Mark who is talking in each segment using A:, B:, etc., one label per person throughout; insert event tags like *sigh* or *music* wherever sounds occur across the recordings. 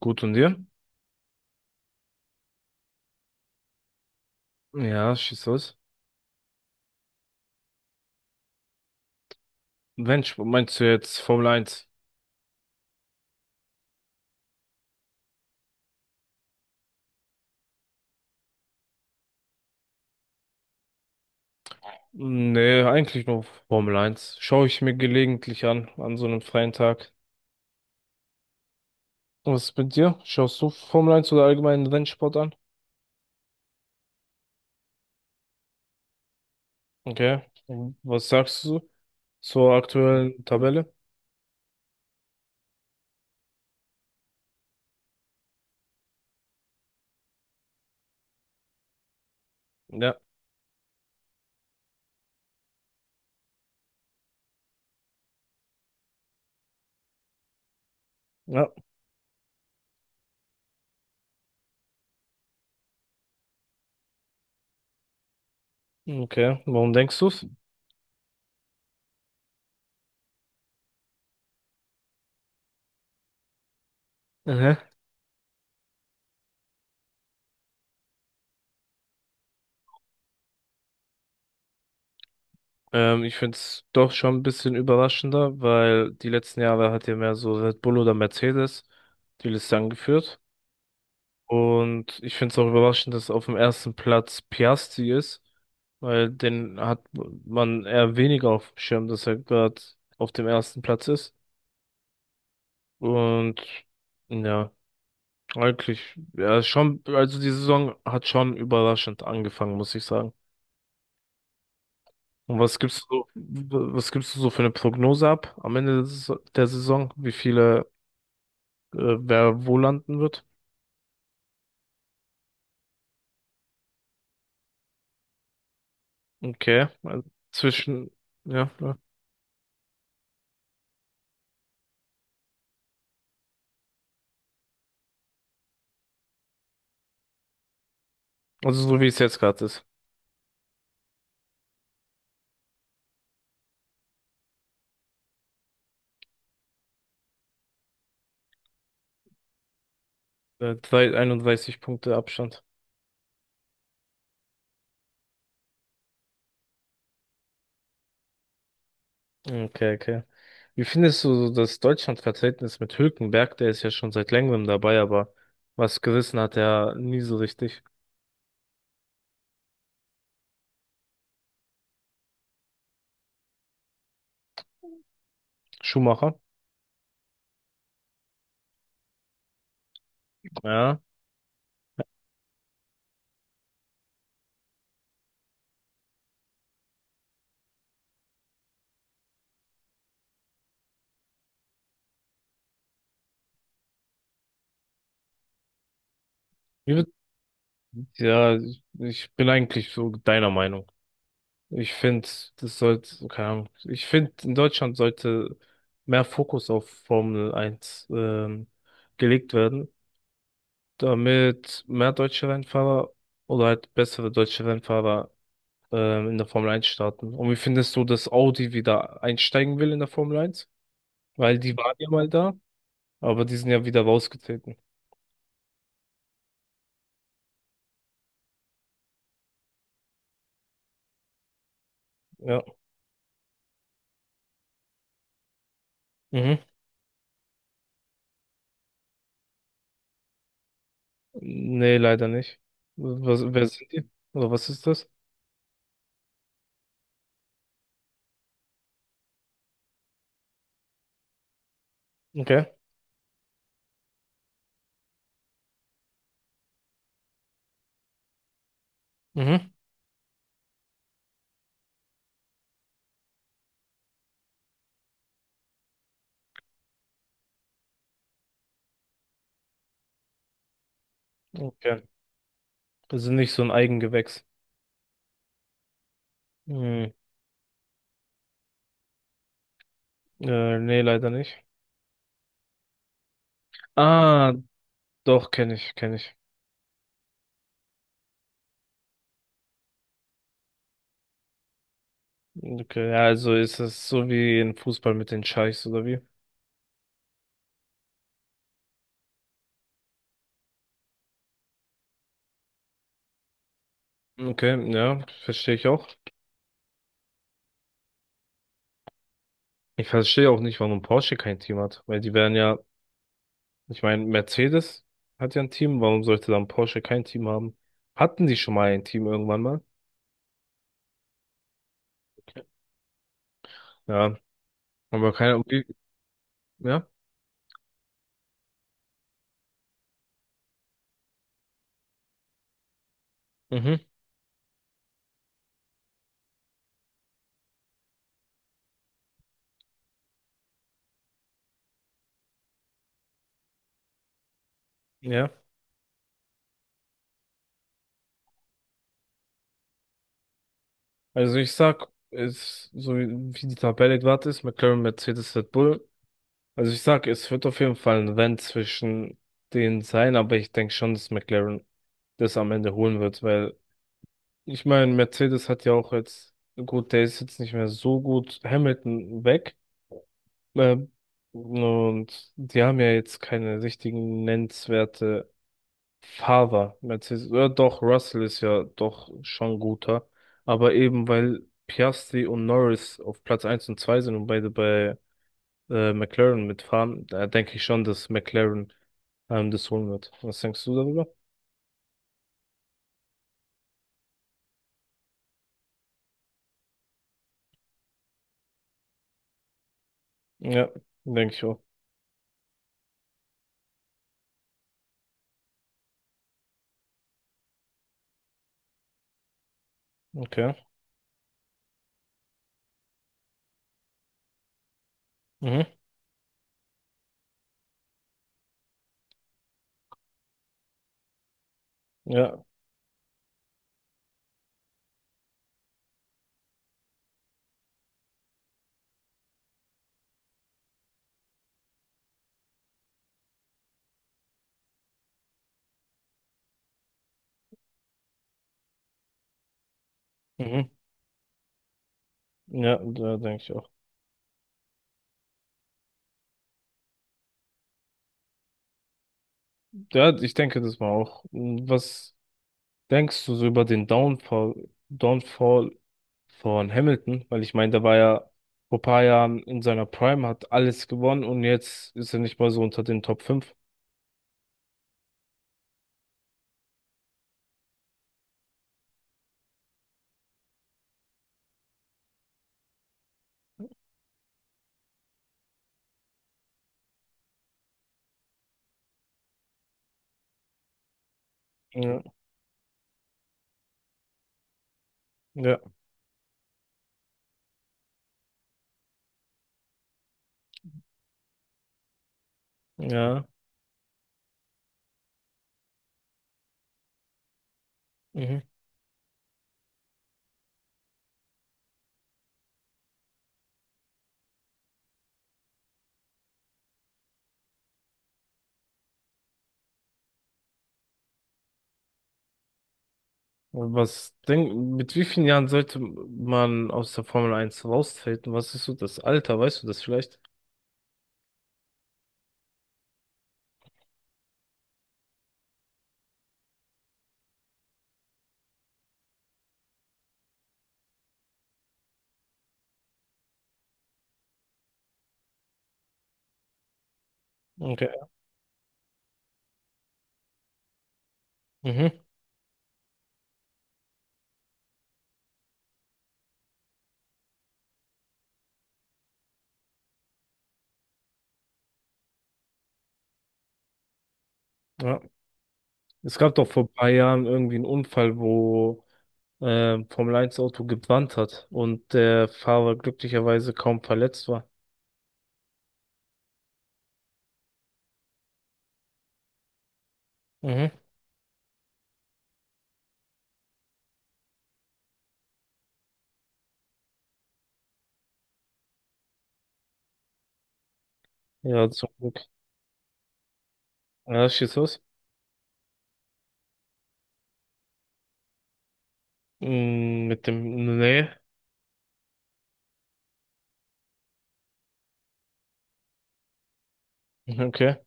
A: Gut und dir? Ja, schieß los. Mensch, meinst du jetzt Formel eins? Nee, eigentlich nur Formel eins. Schaue ich mir gelegentlich an, an so einem freien Tag. Was ist mit dir? Schaust du Formel eins oder allgemeinen Rennsport an? Okay. Und was sagst du zur aktuellen Tabelle? Ja. Ja. Okay. Warum denkst du's? Mhm. Ich find's doch schon ein bisschen überraschender, weil die letzten Jahre hat ja mehr so Red Bull oder Mercedes die Liste angeführt. Und ich finde es auch überraschend, dass auf dem ersten Platz Piastri ist, weil den hat man eher weniger auf dem Schirm, dass er gerade auf dem ersten Platz ist. Und ja, eigentlich, ja, ist schon, also die Saison hat schon überraschend angefangen, muss ich sagen. Und was gibst du so für eine Prognose ab am Ende der Saison? Wer wo landen wird? Okay, also zwischen, ja, ja. Also so wie es jetzt gerade ist. 31 Punkte Abstand. Okay, okay. Wie findest du so das Deutschlandverhältnis mit Hülkenberg? Der ist ja schon seit längerem dabei, aber was gerissen hat er nie so richtig. Schumacher? Ja. Wie wird- Ja, ich bin eigentlich so deiner Meinung. Ich finde, das sollte, keine Ahnung, ich finde, in Deutschland sollte mehr Fokus auf Formel 1 gelegt werden, damit mehr deutsche Rennfahrer oder halt bessere deutsche Rennfahrer in der Formel eins starten. Und wie findest du, dass Audi wieder einsteigen will in der Formel eins? Weil die waren ja mal da, aber die sind ja wieder rausgetreten. Ja. Mhm. Nee, leider nicht. Wer sind die? Oder was ist das? Okay. Mhm. Okay. Das sind nicht so ein Eigengewächs. Hm. Nee, leider nicht. Ah, doch, kenne ich, kenne ich. Okay, ja, also ist es so wie im Fußball mit den Scheichs oder wie? Okay, ja, verstehe ich auch. Ich verstehe auch nicht, warum Porsche kein Team hat, weil die wären ja. Ich meine, Mercedes hat ja ein Team, warum sollte dann Porsche kein Team haben? Hatten die schon mal ein Team irgendwann mal? Ja, aber keine, ja, mhm, ja. Also ich sag, es, so wie die Tabelle gerade ist, McLaren, Mercedes, Red Bull. Also ich sag, es wird auf jeden Fall ein Rennen zwischen denen sein, aber ich denke schon, dass McLaren das am Ende holen wird, weil ich meine, Mercedes hat ja auch jetzt, gut, der ist jetzt nicht mehr so gut, Hamilton weg. Ähm, und die haben ja jetzt keine richtigen nennenswerte Fahrer. Mercedes, ja, doch, Russell ist ja doch schon guter. Aber eben weil Piastri und Norris auf Platz eins und 2 sind und beide bei McLaren mitfahren, da denke ich schon, dass McLaren das holen wird. Was denkst du darüber? Ja, denke ich auch. Okay. Mhm. Ja. Mhm. Ja, da denke ich auch. Ja, ich denke das mal auch. Was Denkst du so über den Downfall von Hamilton? Weil ich meine, der war ja vor ein paar Jahren in seiner Prime, hat alles gewonnen und jetzt ist er nicht mal so unter den Top fünf. Ja, ja, ja. Mhm. Mit wie vielen Jahren sollte man aus der Formel eins raustreten? Was ist so das Alter? Weißt du das vielleicht? Okay. Mhm. Ja. Es gab doch vor ein paar Jahren irgendwie einen Unfall, wo Formel eins Auto gebrannt hat und der Fahrer glücklicherweise kaum verletzt war. Mhm. Ja, zum Glück. Ja, schieß los. Mm, mit dem, nee, *laughs* okay.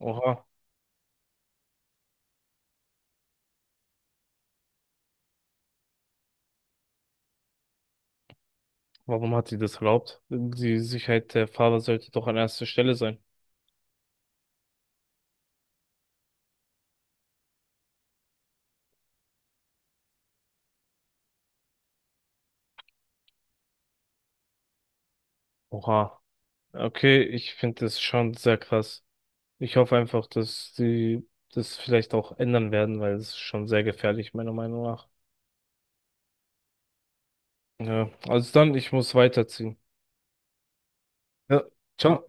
A: Oha, warum hat sie das erlaubt? Die Sicherheit der Fahrer sollte doch an erster Stelle sein. Oha, okay, ich finde das schon sehr krass. Ich hoffe einfach, dass sie das vielleicht auch ändern werden, weil es ist schon sehr gefährlich, meiner Meinung nach. Ja, also dann, ich muss weiterziehen. Ja, ciao.